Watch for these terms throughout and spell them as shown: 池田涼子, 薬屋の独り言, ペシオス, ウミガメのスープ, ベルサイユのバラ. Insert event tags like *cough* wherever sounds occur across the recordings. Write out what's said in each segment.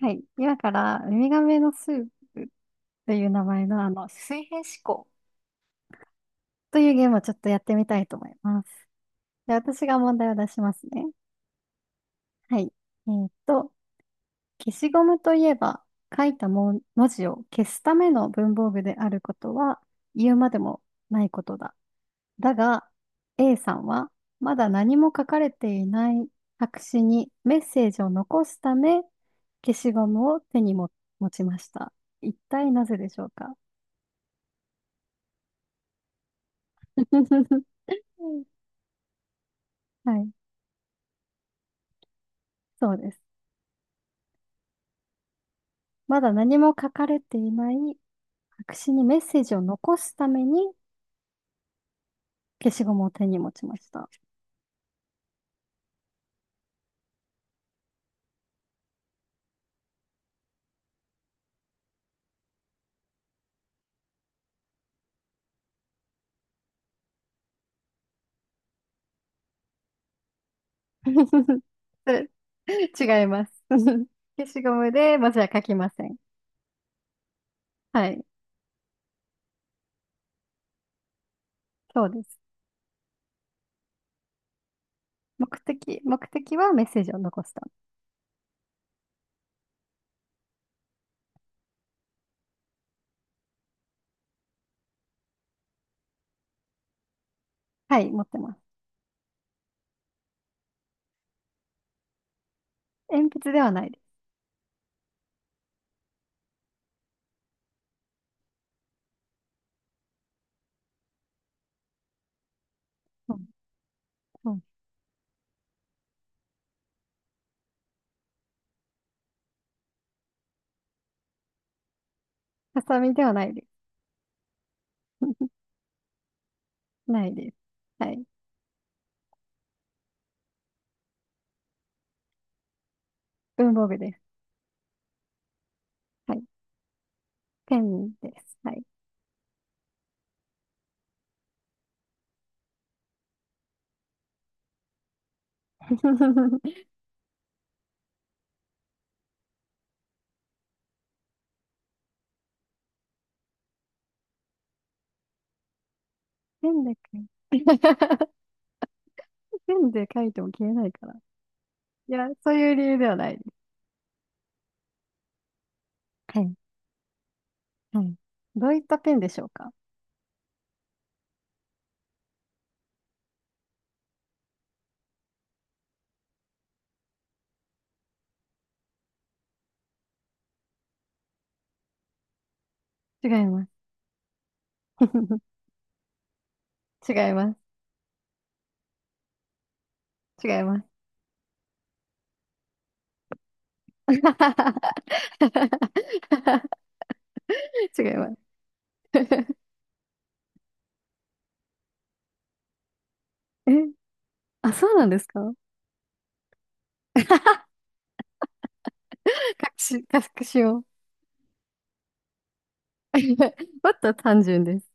はい。今から、ウミガメのスープという名前の、水平思考というゲームをちょっとやってみたいと思います。で、私が問題を出しますね。はい。えーっと、消しゴムといえば、書いたも文字を消すための文房具であることは、言うまでもないことだ。だが、A さんは、まだ何も書かれていない白紙にメッセージを残すため、消しゴムを手にも持ちました。一体なぜでしょうか？ *laughs* はい、そうです。まだ何も書かれていない白紙にメッセージを残すために消しゴムを手に持ちました。*laughs* それ違います。*laughs* 消しゴムで文字は書きません。はい、そうです。目的、目的はメッセージを残すため。はい、持ってます。鉛筆ではないです。うん、うん。ハサミではないです。*laughs* ないです。はい。文房具です。はい。ペンです。はい。*laughs* ペンだけ *laughs* ペンで書いても消えないから。いや、そういう理由ではないです。はい。はい。どういったペンでしょうか？違います。*laughs* 違います。違います。*laughs* 違います。*laughs* え、あ、そうなんですか。隠し、隠しを。*laughs* もっと単純です。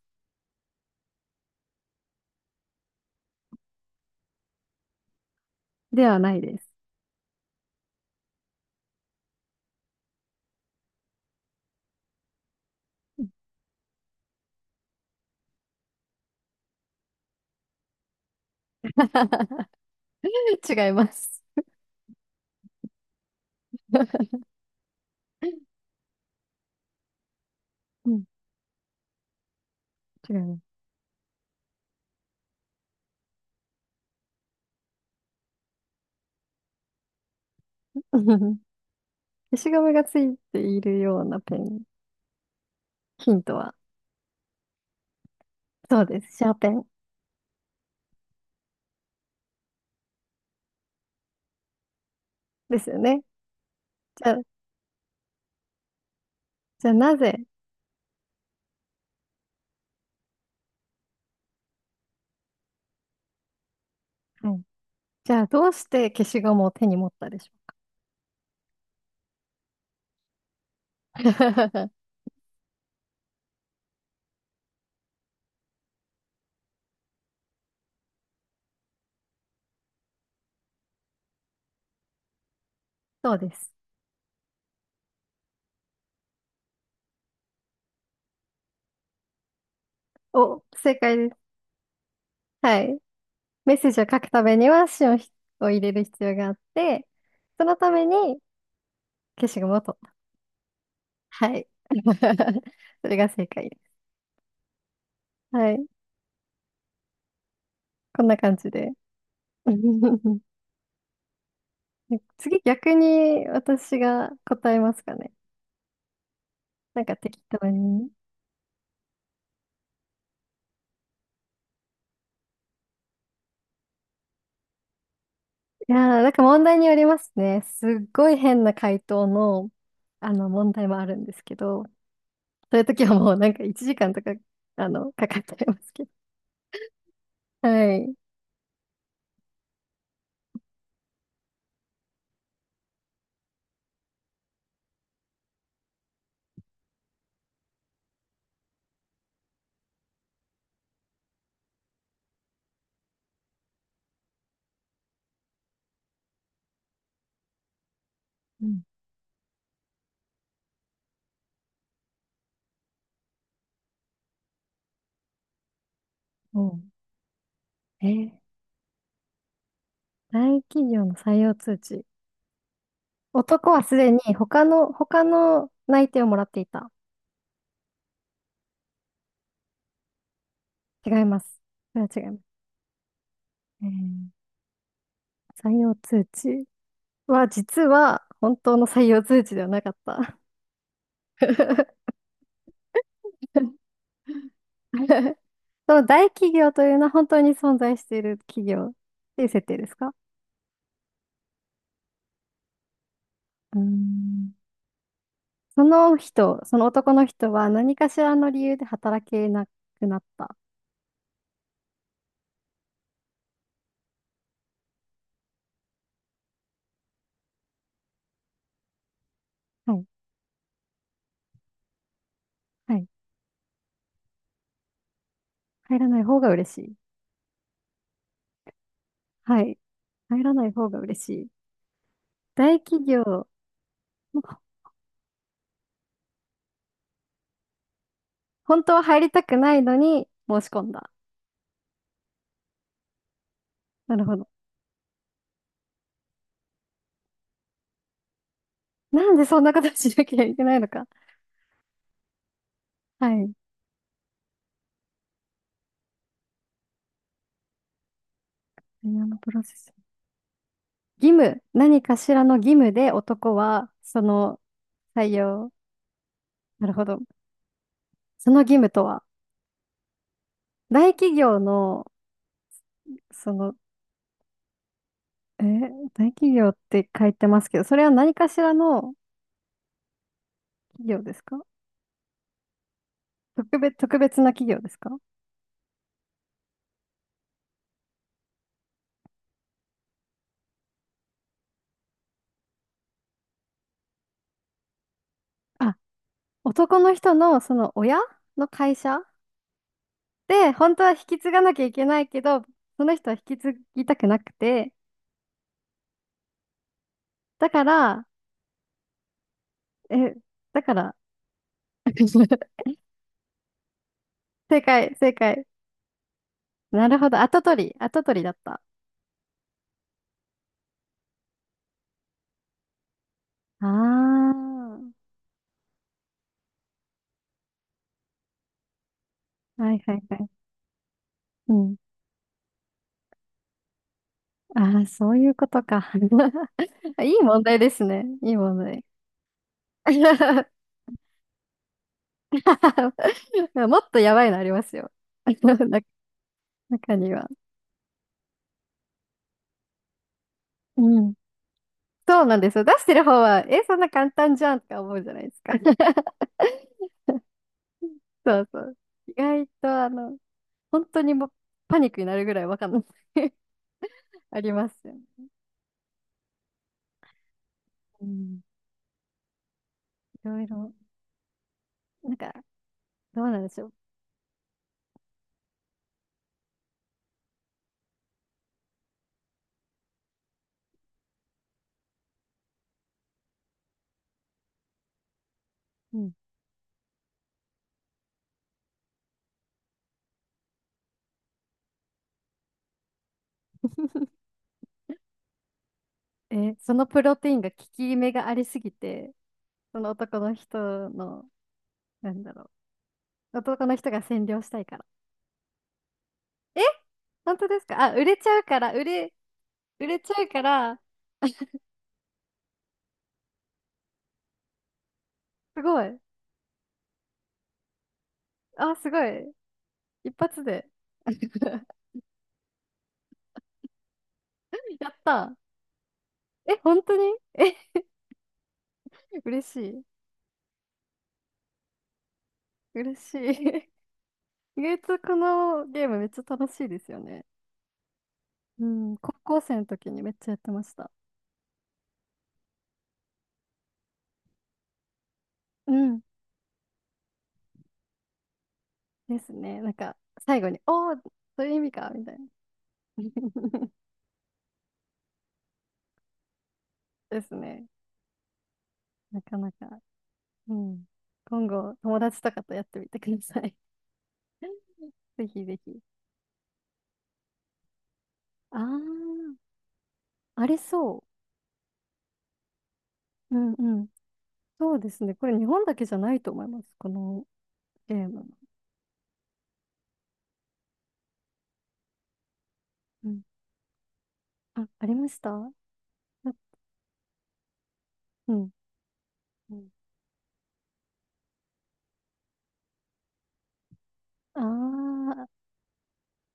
ではないです。*laughs* 違います。うん、違います。*laughs* 消しゴムがついているようなペン。ヒントは、そうです。シャーペンですよね。じゃあ、じゃあなぜ、はい。じゃあ、どうして消しゴムを手に持ったでしょうか？ *laughs* そうです。お、正解です。はい。メッセージを書くためには芯をひを入れる必要があって、そのために消しゴムを取った。はい。*laughs* それが正解です。はい。こんな感じで。*laughs* 次、逆に私が答えますかね。なんか適当に。いやー、なんか問題によりますね。すっごい変な回答の、問題もあるんですけど、そういう時はもうなんか1時間とか、かかっちゃいますけど。はい。うん。もうー大企業の採用通知。男はすでに他の、他の内定をもらっていた。違います。それは違います。えー採用通知は実は本当の採用通知ではなかった。*laughs* その大企業というのは本当に存在している企業っていう設定ですか？うーん、その人、その男の人は何かしらの理由で働けなくなった。はい。はい。入らない方が嬉しい。はい。入らない方が嬉しい。大企業、本当は入りたくないのに申し込んだ。なるほど。なんでそんなことしなきゃいけないのか。はい。あのプロセス。義務、何かしらの義務で男は、その採用、なるほど。その義務とは、大企業の、その大企業って書いてますけど、それは何かしらの企業ですか？特別、特別な企業ですか？あ、男の人のその親の会社で、本当は引き継がなきゃいけないけど、その人は引き継ぎたくなくて、だから、え、だから、*laughs* 正解、正解。なるほど、後取り、後取りだった。あー、はいはいはい。うん。ああ、そういうことか。*laughs* いい問題ですね。いい問題。*laughs* *laughs* もっとやばいのありますよ。*laughs* な中には。うん。そうなんですよ。出してる方は、え、そんな簡単じゃんとか思うじゃないですか。*laughs* そうそう。意外と、本当にもうパニックになるぐらいわかんない *laughs* ありますよね。うん。いろいろ、なんか、どうなんでしょう。うん。え、そのプロテインが効き目がありすぎて、その男の人の、なんだろう。男の人が占領したいから。え、本当ですか。あ、売れちゃうから、売れ、売れちゃうから、すごい。あ、すごい。一発で。*laughs* やったー。え、本当に？え、嬉しい。嬉しい。*laughs* 意外とこのゲームめっちゃ楽しいですよね。うん、高校生の時にめっちゃやってました。うん。ですね。なんか、最後に、おー、そういう意味か、みたいな。*laughs* ですね。なかなか。うん。今後、友達とかとやってみてください。*laughs* ぜひぜひ。あー、ありそう。うんうん。そうですね。これ日本だけじゃないと思います。このゲーム。うん。あ、ありましたな。うん。うん。ああ、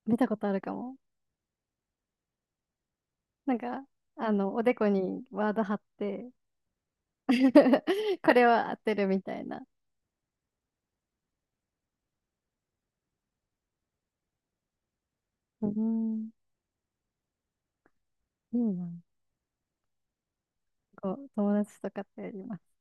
見たことあるかも。なんか、おでこにワード貼って *laughs* これを当てるみたいな。うん。いいな。こう、友達とかとやります。